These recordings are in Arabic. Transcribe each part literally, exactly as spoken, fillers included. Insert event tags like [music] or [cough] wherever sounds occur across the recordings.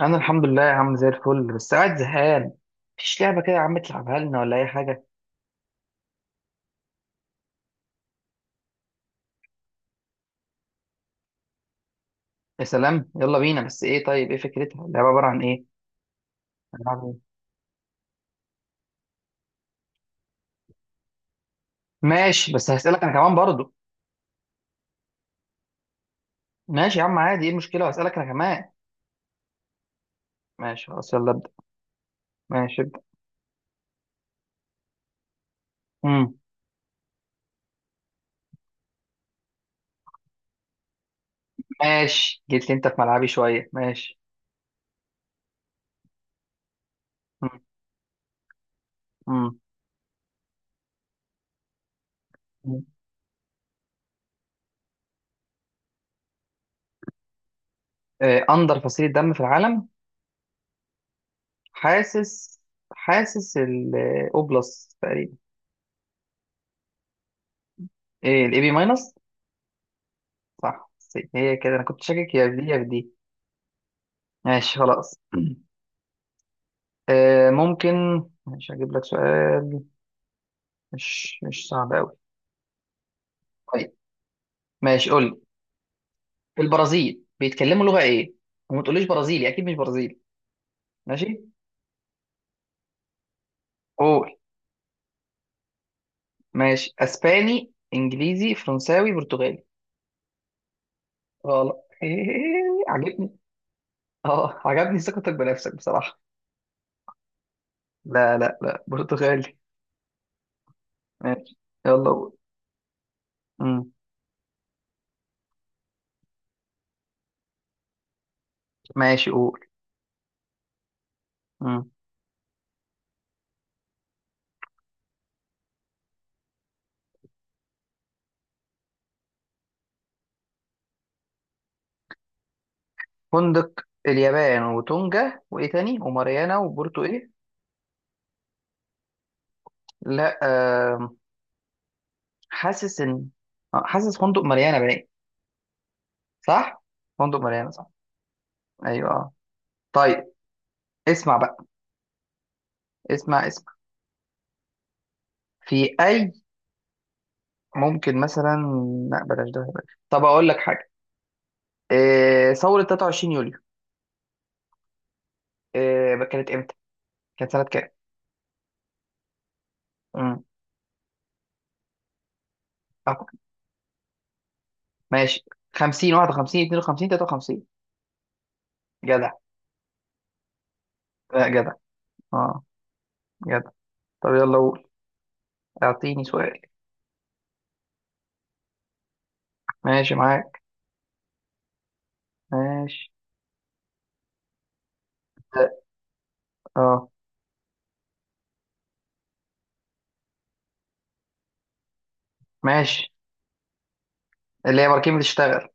انا الحمد لله يا عم زي الفل، بس قاعد زهقان. مفيش لعبه كده يا عم تلعبها لنا ولا اي حاجه؟ يا سلام، يلا بينا. بس ايه؟ طيب ايه فكرتها؟ اللعبه عباره عن ايه؟ هنلعب ايه؟ ماشي، بس هسالك انا كمان برضو. ماشي يا عم، عادي، ايه المشكله؟ هسالك انا كمان. ماشي خلاص، يلا ابدا. ماشي، ابدا. امم ماشي، جيت لي انت في ملعبي شويه. ماشي. امم امم آه، اندر فصيله دم في العالم. حاسس. حاسس الاو بلس تقريبا. ايه الاي بي ماينس. صح، سي. هي كده، انا كنت شاكك يا في دي يا في دي. ماشي خلاص. آه، ممكن. مش هجيب لك سؤال مش مش صعب قوي. طيب. ماشي، قول لي. في البرازيل بيتكلموا لغة ايه؟ وما تقوليش برازيلي، اكيد مش برازيلي. ماشي. قول. ماشي، اسباني، انجليزي، فرنساوي، برتغالي. غلط. [laughs] عجبني. اه، عجبني ثقتك بنفسك بصراحة. لا لا لا، برتغالي. ماشي، يلا قول. مم. ماشي، قول. مم. فندق. اليابان وتونجا وايه تاني وماريانا وبورتو ايه؟ لا، حاسس ان آه، حاسس فندق مليانه باين. صح، فندق مليانه صح. ايوه، آه. طيب، اسمع بقى. اسمع اسمع. في اي، ممكن مثلا، لا بلاش، ده بلاش. طب اقول لك حاجه، إيه ثوره تلاتة وعشرين يوليو؟ إيه كانت امتى؟ كانت سنه كام؟ امم آه، ماشي، خمسين، واحد وخمسين، اتنين وخمسين، تلاتة وخمسين. جدع. لا، جدع. اه، جدع. طب يلا، قول، اعطيني سؤال. ماشي، معاك. ماشي. اه، آه. ماشي، اللي هي مركبة بتشتغل.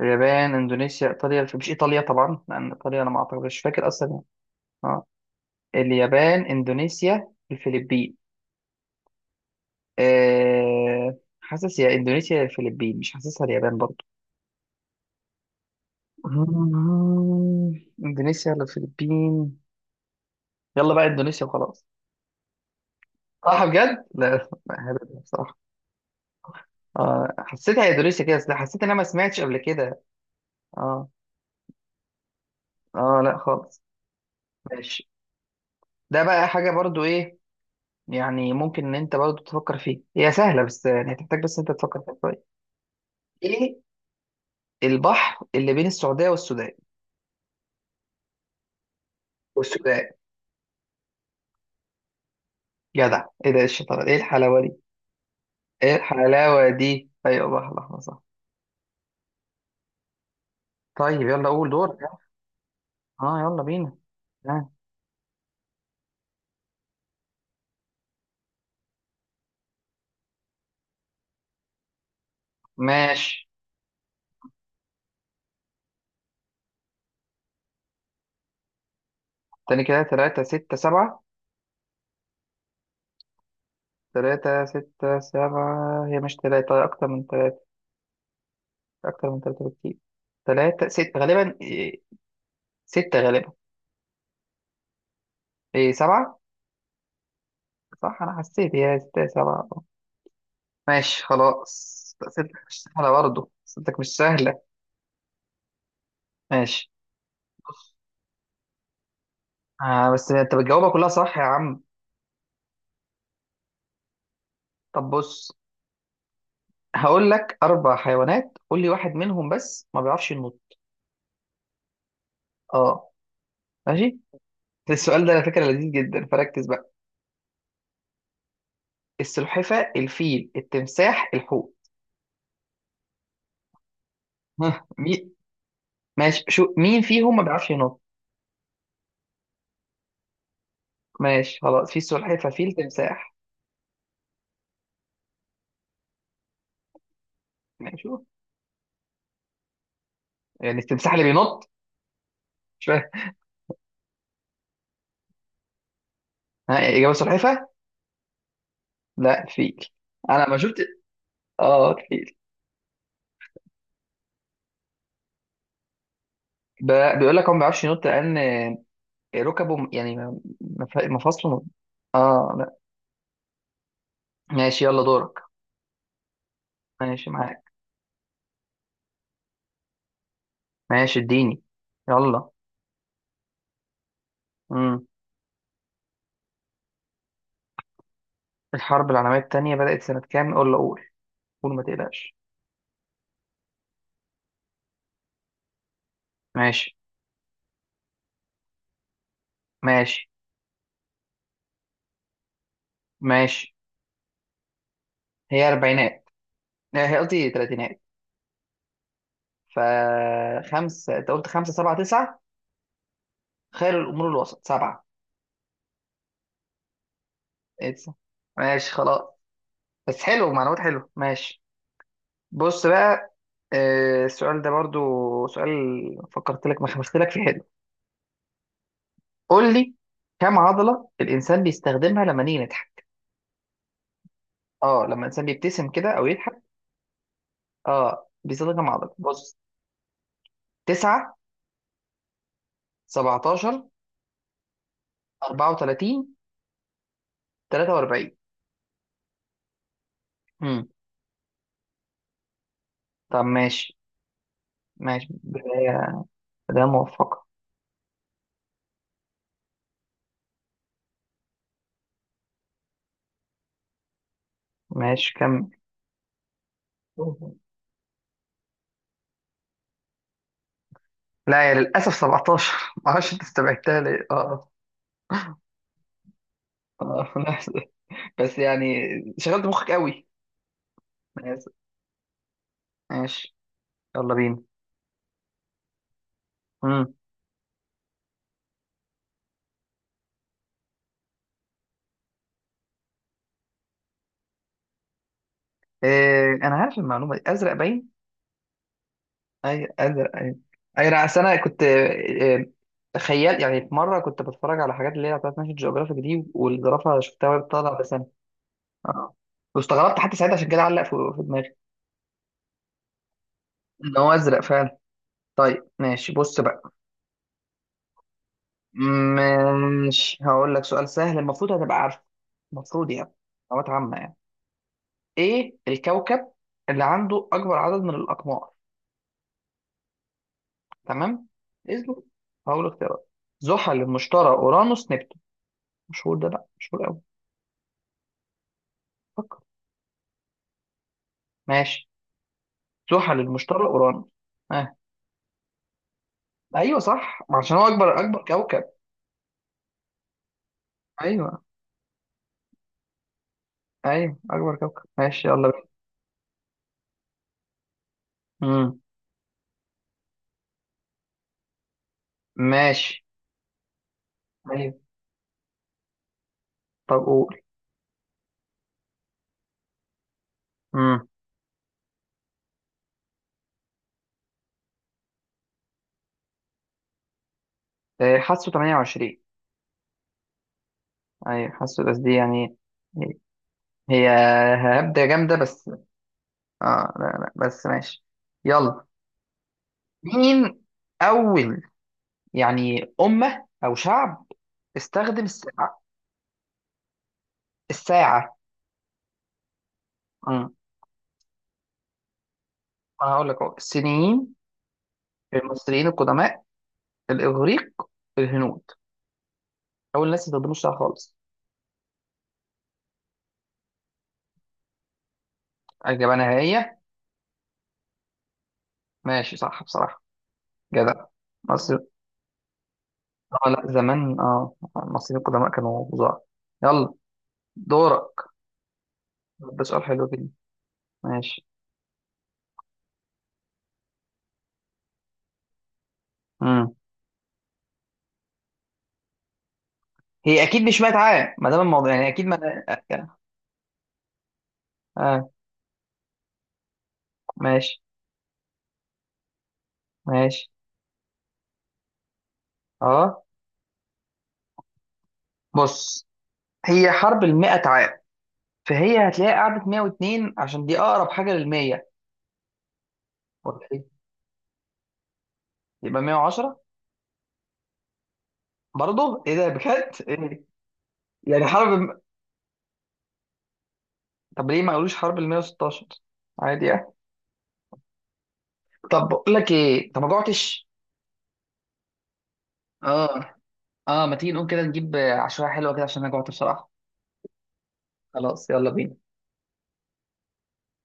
اليابان، اندونيسيا، ايطاليا. مش ايطاليا طبعا، لان ايطاليا انا ما اعتقد، مش فاكر اصلا يعني. اه، اليابان، اندونيسيا، الفلبين. أه... حاسس يا اندونيسيا يا الفلبين، مش حاسسها اليابان برضو. مم. [laughs] اندونيسيا ولا الفلبين؟ يلا بقى اندونيسيا وخلاص. صح بجد، لا لا، هبل بصراحه. آه، حسيتها اندونيسيا كده، أصل حسيت ان انا ما سمعتش قبل كده. اه، اه، لا خالص. ماشي. ده بقى حاجه برضو، ايه يعني ممكن ان انت برضه تفكر فيه، هي سهله بس يعني هتحتاج بس انت تفكر فيها شويه. ايه البحر اللي بين السعوديه والسودان؟ والسودان. جدع، ايه ده، إيه الشطاره، ايه الحلاوه دي؟ ايه الحلاوه دي، ايوه، بحر الاحمر صح. طيب، يلا قول، دورك. اه، يلا بينا. آه. ماشي، تاني كده، تلاتة، ستة، سبعة. تلاتة ستة سبعة، هي مش تلاتة، أكتر من تلاتة، أكتر من تلاتة بكتير. تلاتة ستة غالبا، إيه، ستة غالبا. إيه، سبعة. صح، أنا حسيت هي ستة سبعة. ماشي خلاص. أسئلتك مش سهلة برضه، أسئلتك مش سهلة. ماشي. بص، آه، بس أنت بتجاوبها كلها صح يا عم. طب بص، هقول لك أربع حيوانات، قول لي واحد منهم بس ما بيعرفش ينط. أه. ماشي. [laughs] السؤال ده على فكرة لذيذ جدا، فركز بقى. السلحفة، الفيل، التمساح، الحوت. ها، مين؟ ماشي، شو مين فيهم ما بيعرفش ينط؟ ماشي خلاص، في سلحفة، فيل، تمساح. ماشي، شوف. يعني التمساح اللي بينط؟ مش فاهم. ها، إجابة سلحفة. لا، الفيل. أنا ما شفت. اه، الفيل. ب- بيقول لك هو ما بيعرفش ينط لان ركبه م- يعني ما- ما- مفاصله م-. اه لا. ماشي، يلا دورك. ماشي، معاك. ماشي، اديني، يلا. امم الحرب العالميه الثانيه بدات سنه كام؟ قول، اقول، قول، ما تقلقش. ماشي. ماشي. ماشي. هي اربعينات، لا، هي قصدي تلاتينات. ف خمسة، انت قلت خمسة، سبعة، تسعة. خير الامور الوسط، سبعة. إيه، تسعة. ماشي خلاص. بس حلو، معلومات حلوه. ماشي. بص بقى، آه، السؤال ده برضو سؤال فكرت لك ما خمست لك في حلو. قول لي، كم عضلة الإنسان بيستخدمها لما نيجي نضحك؟ اه، لما الإنسان بيبتسم كده أو يضحك. اه، بيستخدم كم عضلة، بص. تسعة، سبعتاشر، اربعة وتلاتين، تلاتة واربعين. امم طب ماشي. ماشي، بداية، بداية موفقة. ماشي، كمل. لا يا للأسف، سبعتاشر. ما اعرفش [laughs] انت استبعدتها ليه؟ اه، اه، آه. [laughs] بس يعني، شغلت مخك قوي. ماشي. ماشي. يلا بينا. امم إيه، انا عارف المعلومه دي، ازرق باين. اي، ازرق، اي. أي، انا أصل انا كنت إيه، تخيل يعني، في مره كنت بتفرج على حاجات اللي هي بتاعت ناشونال جيوغرافيك دي، والزرافه شفتها وهي بتطلع لسانها. اه، واستغربت حتى ساعتها، عشان كده علق في، في دماغي ان هو ازرق فعلا. طيب، ماشي، بص بقى. ماشي، هقول لك سؤال سهل، المفروض هتبقى عارفه، المفروض يعني، معلومات عامه يعني. ايه الكوكب اللي عنده اكبر عدد من الاقمار؟ تمام، اسلك، هقول اختيارات: زحل، المشتري، اورانوس، نبتون. مشهور ده، لا مشهور قوي. فكر. ماشي، زحل، المشتري، اورانوس. اه. ايوه صح، عشان هو اكبر اكبر كوكب. ايوه، ايوه اكبر كوكب. ماشي، يلا بينا. امم ماشي. ايوه، طب قول. امم آه، حاسه تمنية وعشرين. ايوه، حاسه بس دي يعني، هي هبدة جامدة بس. اه لا لا، بس ماشي. يلا، مين اول يعني امة او شعب استخدم الساعة؟ الساعة. امم انا هقول لك اهو، الصينيين، المصريين القدماء، الاغريق، الهنود. اول ناس ما استخدموش الساعة خالص. اجابة نهائية. ماشي، صح بصراحة. جدع، مصر، اه لا زمان، اه المصريين القدماء كانوا فظاع. يلا، دورك. ده سؤال حلو كده. ماشي. امم هي اكيد مش مية عام، ما دام الموضوع يعني اكيد ما. اه، ماشي. ماشي. اه، بص، هي حرب ال مية، فهي هتلاقيها قعدت مية واتنين، عشان دي اقرب حاجه لل مية. ولا ايه؟ يبقى مية وعشرة. برضه ايه ده بجد، إيه؟ يعني حرب الم-. طب ليه ما قالوش حرب ال مية وستاشر؟ عادي يعني. طب بقول لك ايه، انت ما جوعتش؟ اه. اه، ما تيجي نقوم كده نجيب عشوائيه حلوه كده، عشان انا جوعت بصراحه. خلاص، يلا بينا.